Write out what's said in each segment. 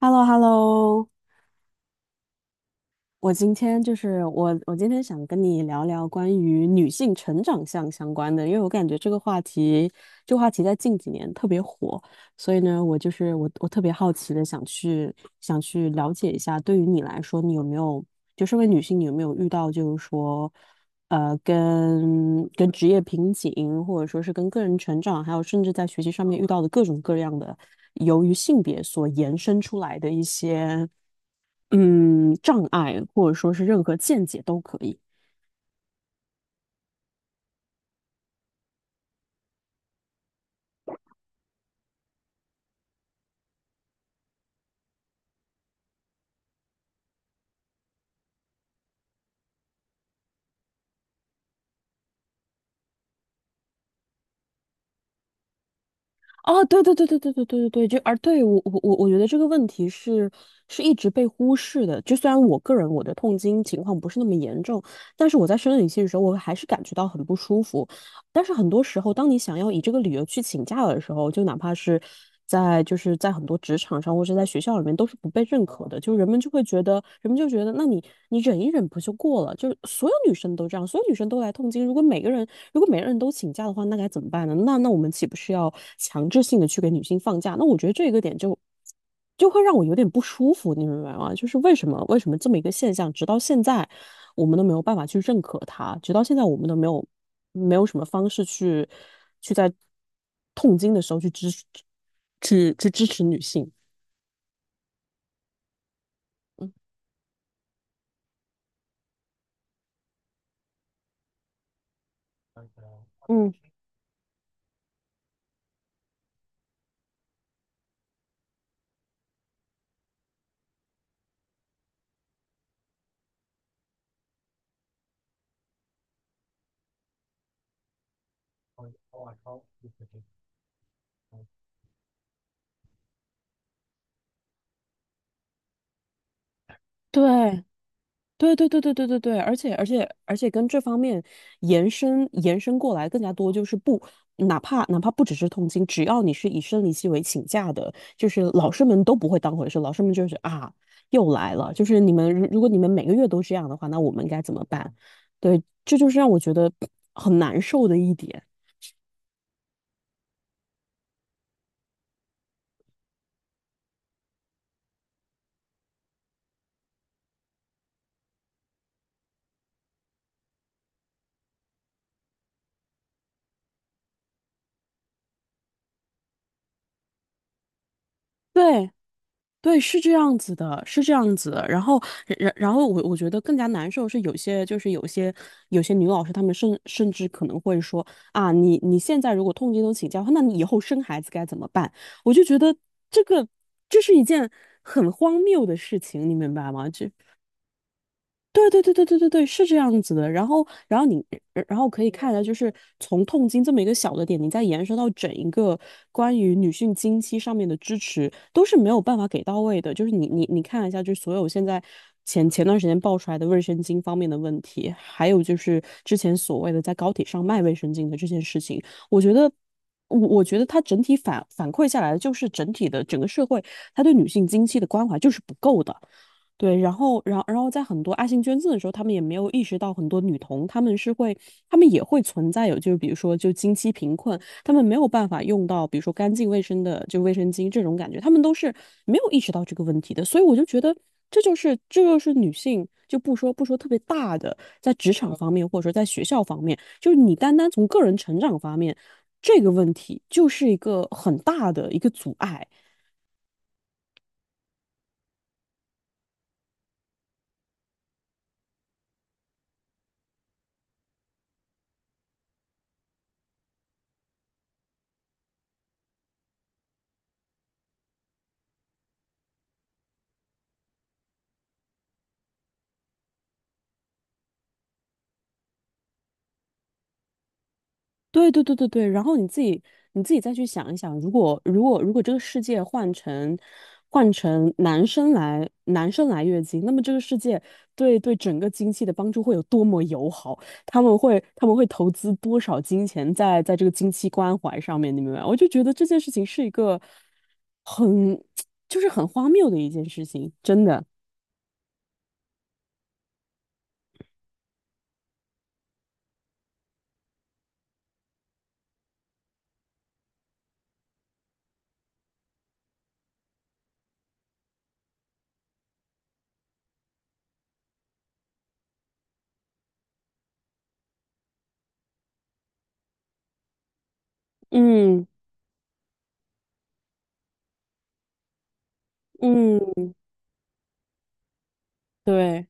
h e l l o h e l l o。 我今天想跟你聊聊关于女性成长项相关的，因为我感觉这个话题在近几年特别火。所以呢，我就是我，我特别好奇的想去了解一下。对于你来说，你有没有就身为女性，你有没有遇到就是说，跟职业瓶颈，或者说是跟个人成长，还有甚至在学习上面遇到的各种各样的、由于性别所延伸出来的一些障碍，或者说是任何见解都可以。哦，对对对对对对对对对，就而对我觉得这个问题是一直被忽视的。就虽然我个人我的痛经情况不是那么严重，但是我在生理期的时候，我还是感觉到很不舒服。但是很多时候，当你想要以这个理由去请假的时候，就哪怕是在就是在很多职场上或者在学校里面，都是不被认可的。就人们就觉得，那你忍一忍不就过了？就是所有女生都这样，所有女生都来痛经。如果每个人都请假的话，那该怎么办呢？那我们岂不是要强制性的去给女性放假？那我觉得这个点就会让我有点不舒服，你明白吗？就是为什么这么一个现象，直到现在。我们都没有办法去认可它，直到现在我们都没有什么方式去在痛经的时候去支持女性。嗯，嗯，对，对对对对对对对，而且跟这方面延伸过来更加多，就是不，哪怕不只是痛经，只要你是以生理期为请假的，就是老师们都不会当回事，老师们就是啊又来了，就是你们如果你们每个月都这样的话，那我们该怎么办？对，这就是让我觉得很难受的一点。对对，是这样子的，是这样子的。然后，然后我觉得更加难受是有些就是有些有些女老师，她们甚至可能会说啊，你现在如果痛经都请假的话，那你以后生孩子该怎么办？我就觉得这个这是一件很荒谬的事情，你明白吗？就对对对对对对对，是这样子的。然后，可以看下，就是从痛经这么一个小的点，你再延伸到整一个关于女性经期上面的支持，都是没有办法给到位的。就是你看一下，就是所有现在前段时间爆出来的卫生巾方面的问题，还有就是之前所谓的在高铁上卖卫生巾的这件事情，我觉得。我觉得它整体反馈下来的就是整体的整个社会，它对女性经期的关怀就是不够的。对，然后，然后在很多爱心捐赠的时候，他们也没有意识到很多女童，他们是会，他们也会存在有，就是比如说就经期贫困，他们没有办法用到比如说干净卫生的就卫生巾这种感觉，他们都是没有意识到这个问题的。所以我就觉得这就是女性，就不说特别大的，在职场方面或者说在学校方面，就是你单单从个人成长方面，这个问题就是一个很大的一个阻碍。对对对对对，然后你自己再去想一想，如果这个世界换成男生来月经，那么这个世界对整个经济的帮助会有多么友好？他们会投资多少金钱在这个经期关怀上面？你明白吗？我就觉得这件事情是一个很 就是很荒谬的一件事情，真的。嗯嗯，对。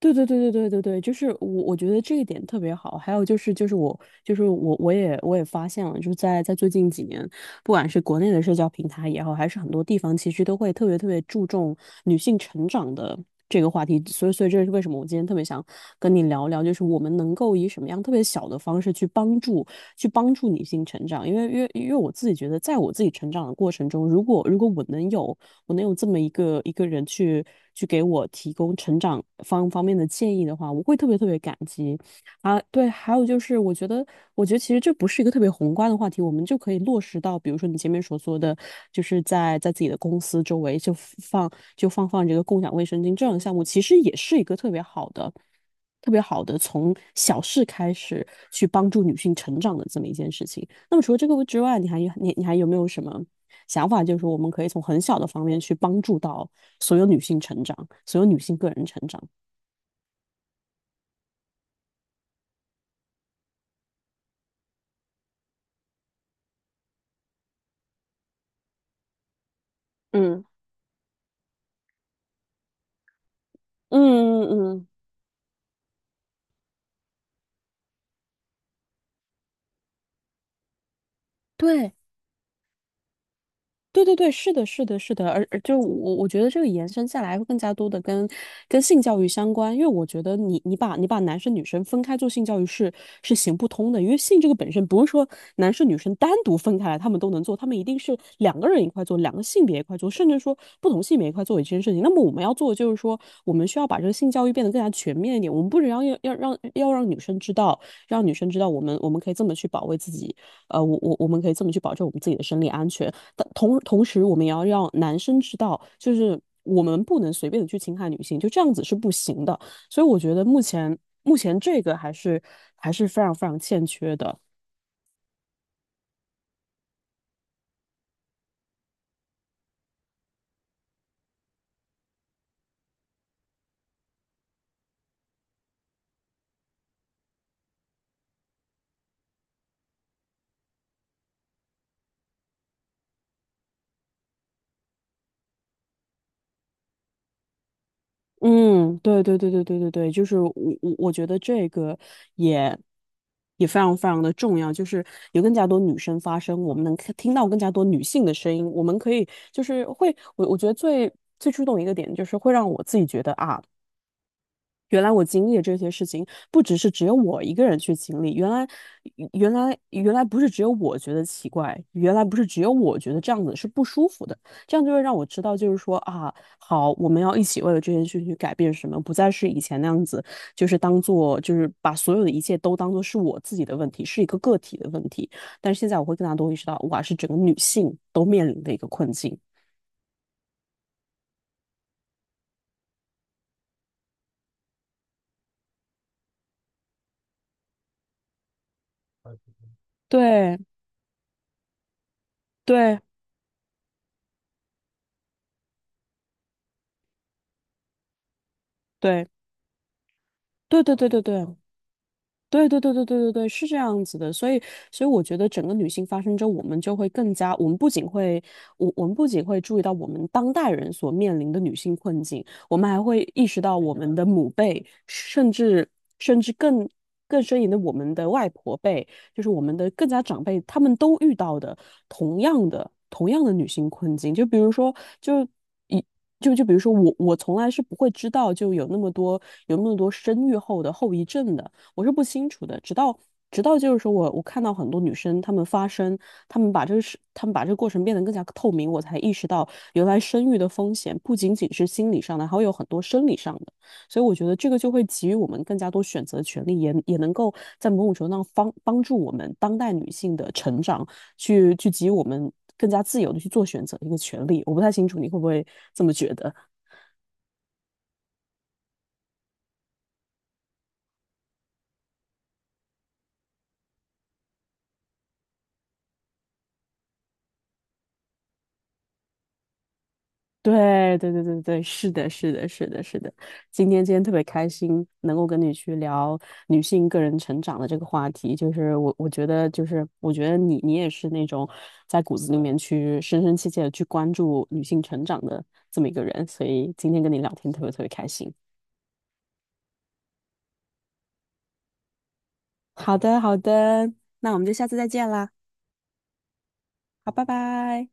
对对对对对对对，就是我觉得这一点特别好。还有就是，我也发现了，就是在最近几年，不管是国内的社交平台也好，还是很多地方，其实都会特别特别注重女性成长的这个话题。所以这是为什么我今天特别想跟你聊聊，就是我们能够以什么样特别小的方式去帮助女性成长。因为我自己觉得，在我自己成长的过程中，如果我能有这么一个人去给我提供成长方面的建议的话，我会特别特别感激。啊，对，还有就是，我觉得其实这不是一个特别宏观的话题，我们就可以落实到比如说你前面所说的，就是在自己的公司周围就放这个共享卫生巾这样的项目，其实也是一个特别好的、特别好的从小事开始去帮助女性成长的这么一件事情。那么除了这个之外，你还有没有什么想法？就是我们可以从很小的方面去帮助到所有女性成长，所有女性个人成长。嗯嗯嗯嗯，对，对对对，是的，是的，是的，而就我觉得这个延伸下来会更加多的跟性教育相关，因为我觉得你把男生女生分开做性教育是行不通的。因为性这个本身不是说男生女生单独分开来他们都能做，他们一定是两个人一块做，两个性别一块做，甚至说不同性别一块做一件事情。那么我们要做的就是说，我们需要把这个性教育变得更加全面一点，我们不只要让女生知道，让女生知道我们可以这么去保卫自己，我们可以这么去保证我们自己的生理安全。但同时，我们也要让男生知道，就是我们不能随便的去侵害女性，就这样子是不行的。所以我觉得目前这个还是非常非常欠缺的。嗯，对对对对对对对，就是我觉得这个也也非常非常的重要，就是有更加多女生发声，我们能看听到更加多女性的声音，我们可以就是会我觉得最触动一个点就是会让我自己觉得啊。原来我经历的这些事情，不只是只有我一个人去经历。原来不是只有我觉得奇怪，原来不是只有我觉得这样子是不舒服的。这样就会让我知道，就是说啊，好，我们要一起为了这件事情去改变什么，不再是以前那样子，就是当做，就是把所有的一切都当做是我自己的问题，是一个个体的问题。但是现在我会更加多意识到，哇，是整个女性都面临的一个困境。对，对，对，对，对，对，对，对对。对对对对对对对，是这样子的，所以我觉得整个女性发生之后，我们就会更加，我们不仅会，我们不仅会注意到我们当代人所面临的女性困境，我们还会意识到我们的母辈，甚至更深一点的我们的外婆辈，就是我们的更加长辈，他们都遇到的同样的女性困境。就比如说就。一。就比如说我，我从来是不会知道就有那么多生育后的后遗症的，我是不清楚的。直到就是说我看到很多女生她们发声，她们把这个事，她们把这个过程变得更加透明，我才意识到原来生育的风险不仅仅是心理上的，还会有很多生理上的。所以我觉得这个就会给予我们更加多选择权利，也能够在某种程度上帮助我们当代女性的成长，去给予我们更加自由的去做选择的一个权利。我不太清楚你会不会这么觉得。对对对对对，是的，是的，是的，是的。今天特别开心，能够跟你去聊女性个人成长的这个话题。就是我觉得，就是我觉得你也是那种在骨子里面去深深切切的去关注女性成长的这么一个人，所以今天跟你聊天特别特别开心。好的，好的，那我们就下次再见啦。好，拜拜。